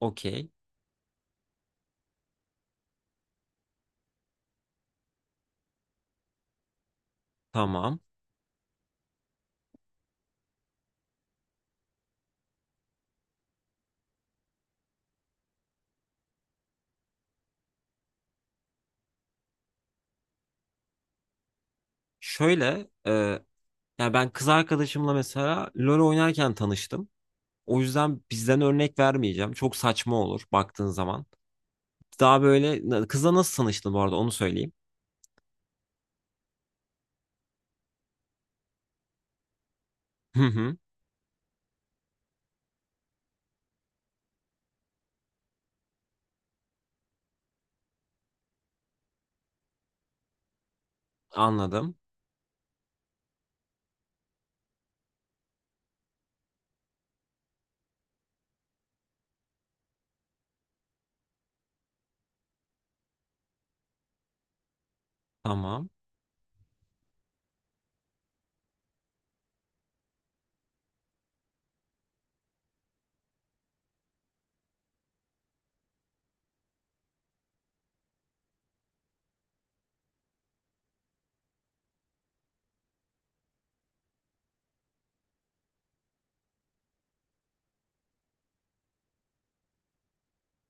Okey. Tamam. Şöyle e, ya ben kız arkadaşımla mesela LoL oynarken tanıştım. O yüzden bizden örnek vermeyeceğim. Çok saçma olur baktığın zaman. Daha böyle kızla nasıl tanıştın bu arada onu söyleyeyim. Hı hı. Anladım. Tamam.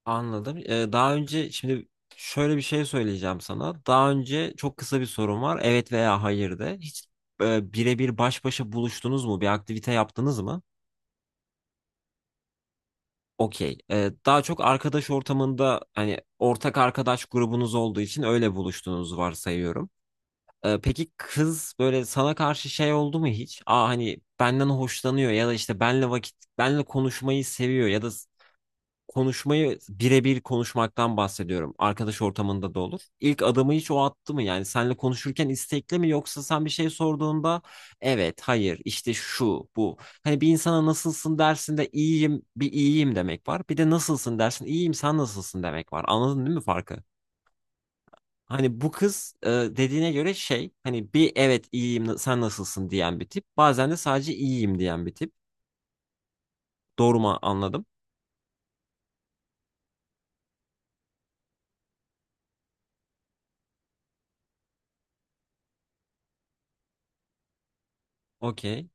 Anladım. Daha önce şimdi şöyle bir şey söyleyeceğim sana. Daha önce çok kısa bir sorum var. Evet veya hayır de. Hiç birebir baş başa buluştunuz mu? Bir aktivite yaptınız mı? Okey. Daha çok arkadaş ortamında hani ortak arkadaş grubunuz olduğu için öyle buluştuğunuzu varsayıyorum. Peki kız böyle sana karşı şey oldu mu hiç? Aa hani benden hoşlanıyor ya da işte benle vakit benle konuşmayı seviyor ya da konuşmayı birebir konuşmaktan bahsediyorum. Arkadaş ortamında da olur. İlk adımı hiç o attı mı? Yani senle konuşurken istekli mi yoksa sen bir şey sorduğunda evet, hayır, işte şu, bu. Hani bir insana nasılsın dersin de iyiyim, bir iyiyim demek var. Bir de nasılsın dersin, iyiyim, sen nasılsın demek var. Anladın değil mi farkı? Hani bu kız dediğine göre şey hani bir evet iyiyim sen nasılsın diyen bir tip. Bazen de sadece iyiyim diyen bir tip. Doğru mu anladım? Okey.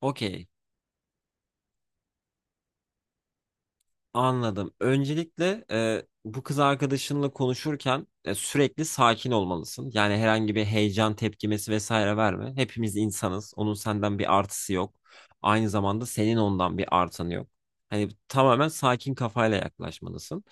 Okey. Anladım. Öncelikle bu kız arkadaşınla konuşurken sürekli sakin olmalısın. Yani herhangi bir heyecan tepkimesi vesaire verme. Hepimiz insanız. Onun senden bir artısı yok. Aynı zamanda senin ondan bir artanı yok. Hani tamamen sakin kafayla yaklaşmalısın.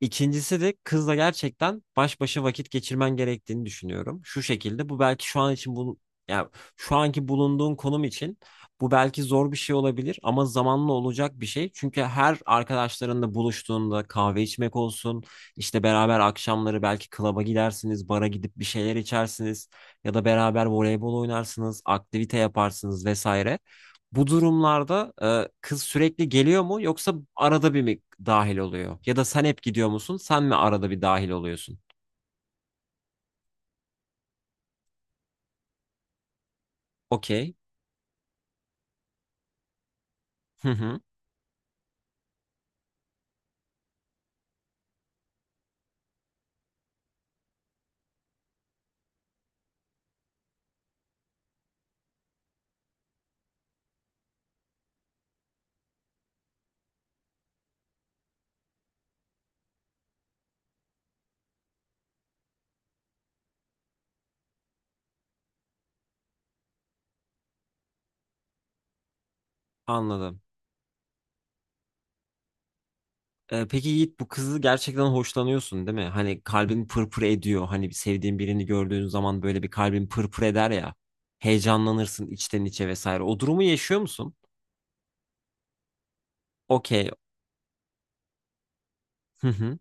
İkincisi de kızla gerçekten baş başa vakit geçirmen gerektiğini düşünüyorum. Şu şekilde bu belki şu an için bunu yani şu anki bulunduğun konum için bu belki zor bir şey olabilir ama zamanla olacak bir şey. Çünkü her arkadaşlarınla buluştuğunda kahve içmek olsun, işte beraber akşamları belki klaba gidersiniz, bara gidip bir şeyler içersiniz ya da beraber voleybol oynarsınız, aktivite yaparsınız vesaire. Bu durumlarda kız sürekli geliyor mu yoksa arada bir mi dahil oluyor? Ya da sen hep gidiyor musun? Sen mi arada bir dahil oluyorsun? Okey. Hı hı. Anladım. Peki Yiğit bu kızı gerçekten hoşlanıyorsun değil mi? Hani kalbin pırpır ediyor. Hani bir sevdiğin birini gördüğün zaman böyle bir kalbin pırpır eder ya. Heyecanlanırsın içten içe vesaire. O durumu yaşıyor musun? Okey. Hı hı.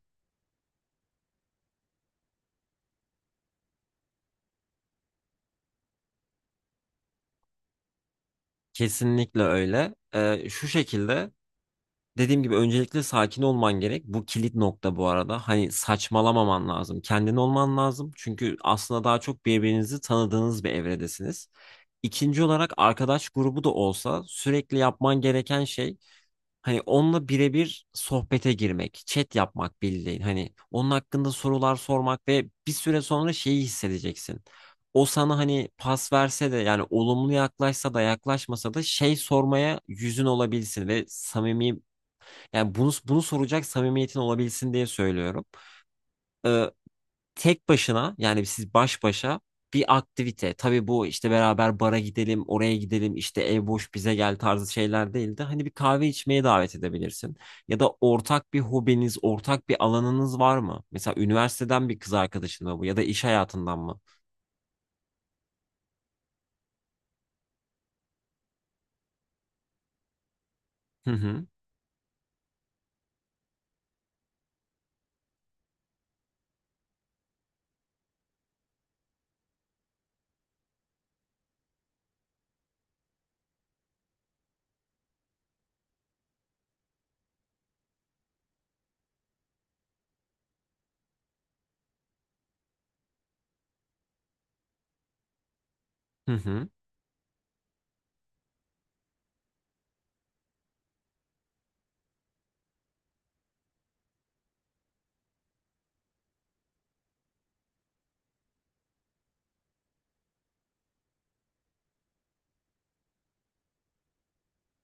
Kesinlikle öyle. Şu şekilde dediğim gibi öncelikle sakin olman gerek. Bu kilit nokta bu arada. Hani saçmalamaman lazım. Kendin olman lazım. Çünkü aslında daha çok birbirinizi tanıdığınız bir evredesiniz. İkinci olarak arkadaş grubu da olsa sürekli yapman gereken şey hani onunla birebir sohbete girmek, chat yapmak bildiğin. Hani onun hakkında sorular sormak ve bir süre sonra şeyi hissedeceksin. O sana hani pas verse de yani olumlu yaklaşsa da yaklaşmasa da şey sormaya yüzün olabilsin ve samimi yani bunu soracak samimiyetin olabilsin diye söylüyorum. Ee, Tek başına yani siz baş başa bir aktivite. Tabii bu işte beraber bara gidelim, oraya gidelim, işte ev boş bize gel tarzı şeyler değil de hani bir kahve içmeye davet edebilirsin. Ya da ortak bir hobiniz, ortak bir alanınız var mı? Mesela üniversiteden bir kız arkadaşın mı bu ya da iş hayatından mı? Hı hı. Hı hı.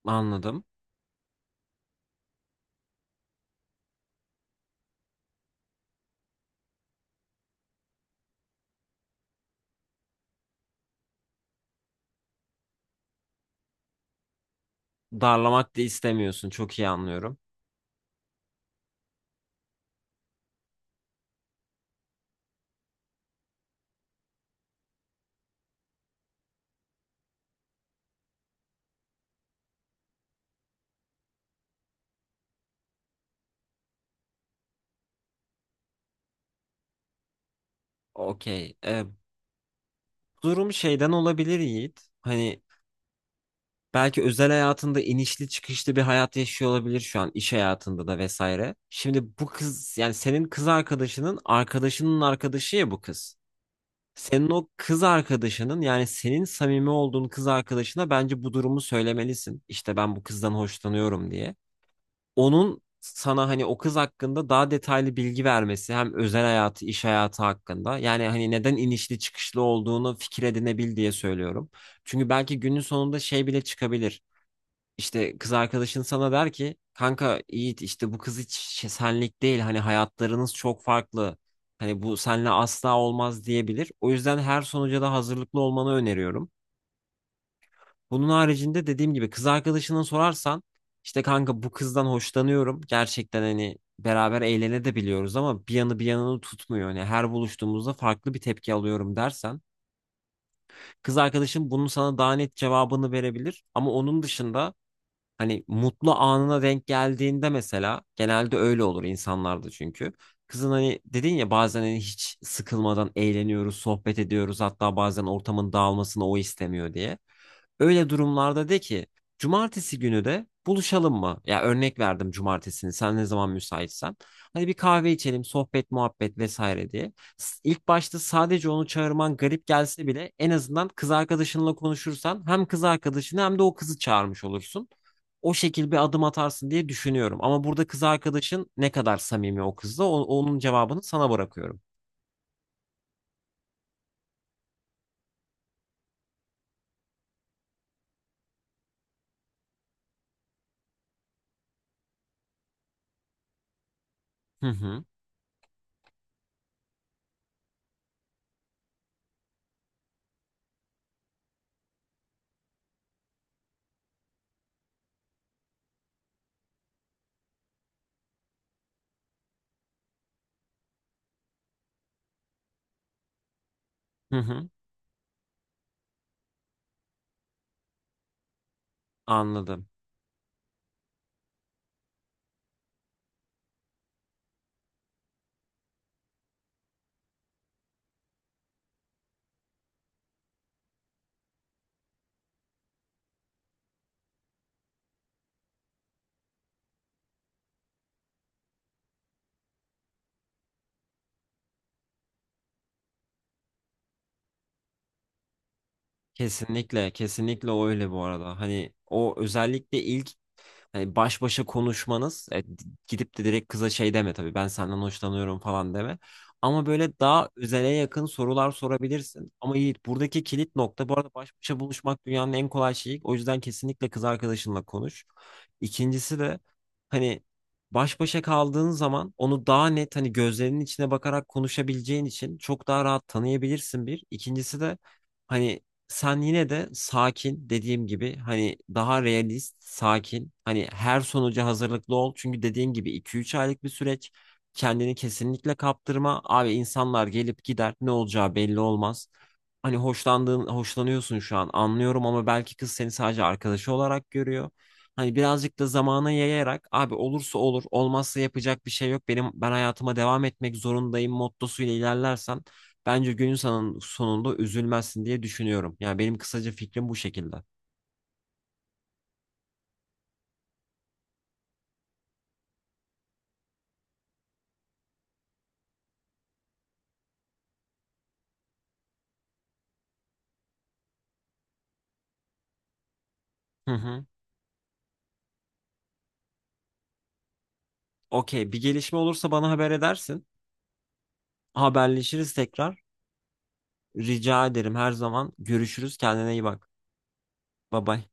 Anladım. Darlamak da istemiyorsun. Çok iyi anlıyorum. Okey. Durum şeyden olabilir Yiğit. Hani belki özel hayatında inişli çıkışlı bir hayat yaşıyor olabilir şu an iş hayatında da vesaire. Şimdi bu kız yani senin kız arkadaşının arkadaşının arkadaşı ya bu kız. Senin o kız arkadaşının yani senin samimi olduğun kız arkadaşına bence bu durumu söylemelisin. İşte ben bu kızdan hoşlanıyorum diye. Onun sana hani o kız hakkında daha detaylı bilgi vermesi hem özel hayatı iş hayatı hakkında yani hani neden inişli çıkışlı olduğunu fikir edinebil diye söylüyorum. Çünkü belki günün sonunda şey bile çıkabilir. İşte kız arkadaşın sana der ki kanka Yiğit işte bu kız hiç senlik değil hani hayatlarınız çok farklı. Hani bu senle asla olmaz diyebilir. O yüzden her sonuca da hazırlıklı olmanı öneriyorum. Bunun haricinde dediğim gibi kız arkadaşına sorarsan işte kanka bu kızdan hoşlanıyorum. Gerçekten hani beraber eğlene de biliyoruz ama bir yanı bir yanını tutmuyor. Hani her buluştuğumuzda farklı bir tepki alıyorum dersen kız arkadaşın bunun sana daha net cevabını verebilir. Ama onun dışında hani mutlu anına denk geldiğinde mesela genelde öyle olur insanlarda çünkü. Kızın hani dedin ya bazen hani hiç sıkılmadan eğleniyoruz, sohbet ediyoruz. Hatta bazen ortamın dağılmasını o istemiyor diye. Öyle durumlarda de ki cumartesi günü de buluşalım mı? Ya örnek verdim cumartesini sen ne zaman müsaitsen. Hani bir kahve içelim, sohbet, muhabbet vesaire diye. İlk başta sadece onu çağırman garip gelse bile en azından kız arkadaşınla konuşursan hem kız arkadaşını hem de o kızı çağırmış olursun o şekil bir adım atarsın diye düşünüyorum. Ama burada kız arkadaşın ne kadar samimi o kızla onun cevabını sana bırakıyorum. Hı hı. Hı hı. Anladım. Kesinlikle, kesinlikle öyle bu arada. Hani o özellikle ilk hani baş başa konuşmanız, gidip de direkt kıza şey deme tabii ben senden hoşlanıyorum falan deme. Ama böyle daha özele yakın sorular sorabilirsin. Ama Yiğit buradaki kilit nokta bu arada baş başa buluşmak dünyanın en kolay şeyi. O yüzden kesinlikle kız arkadaşınla konuş. İkincisi de hani baş başa kaldığın zaman onu daha net hani gözlerinin içine bakarak konuşabileceğin için çok daha rahat tanıyabilirsin bir. İkincisi de hani sen yine de sakin dediğim gibi hani daha realist, sakin. Hani her sonuca hazırlıklı ol. Çünkü dediğim gibi iki üç aylık bir süreç. Kendini kesinlikle kaptırma. Abi insanlar gelip gider. Ne olacağı belli olmaz. Hani hoşlandığın, hoşlanıyorsun şu an anlıyorum ama belki kız seni sadece arkadaşı olarak görüyor. Hani birazcık da zamana yayarak abi olursa olur, olmazsa yapacak bir şey yok. Benim ben hayatıma devam etmek zorundayım mottosuyla ilerlersen bence günün sonunda üzülmezsin diye düşünüyorum. Yani benim kısaca fikrim bu şekilde. Hı hı. Okey, bir gelişme olursa bana haber edersin. Haberleşiriz tekrar. Rica ederim her zaman. Görüşürüz. Kendine iyi bak. Bye bye.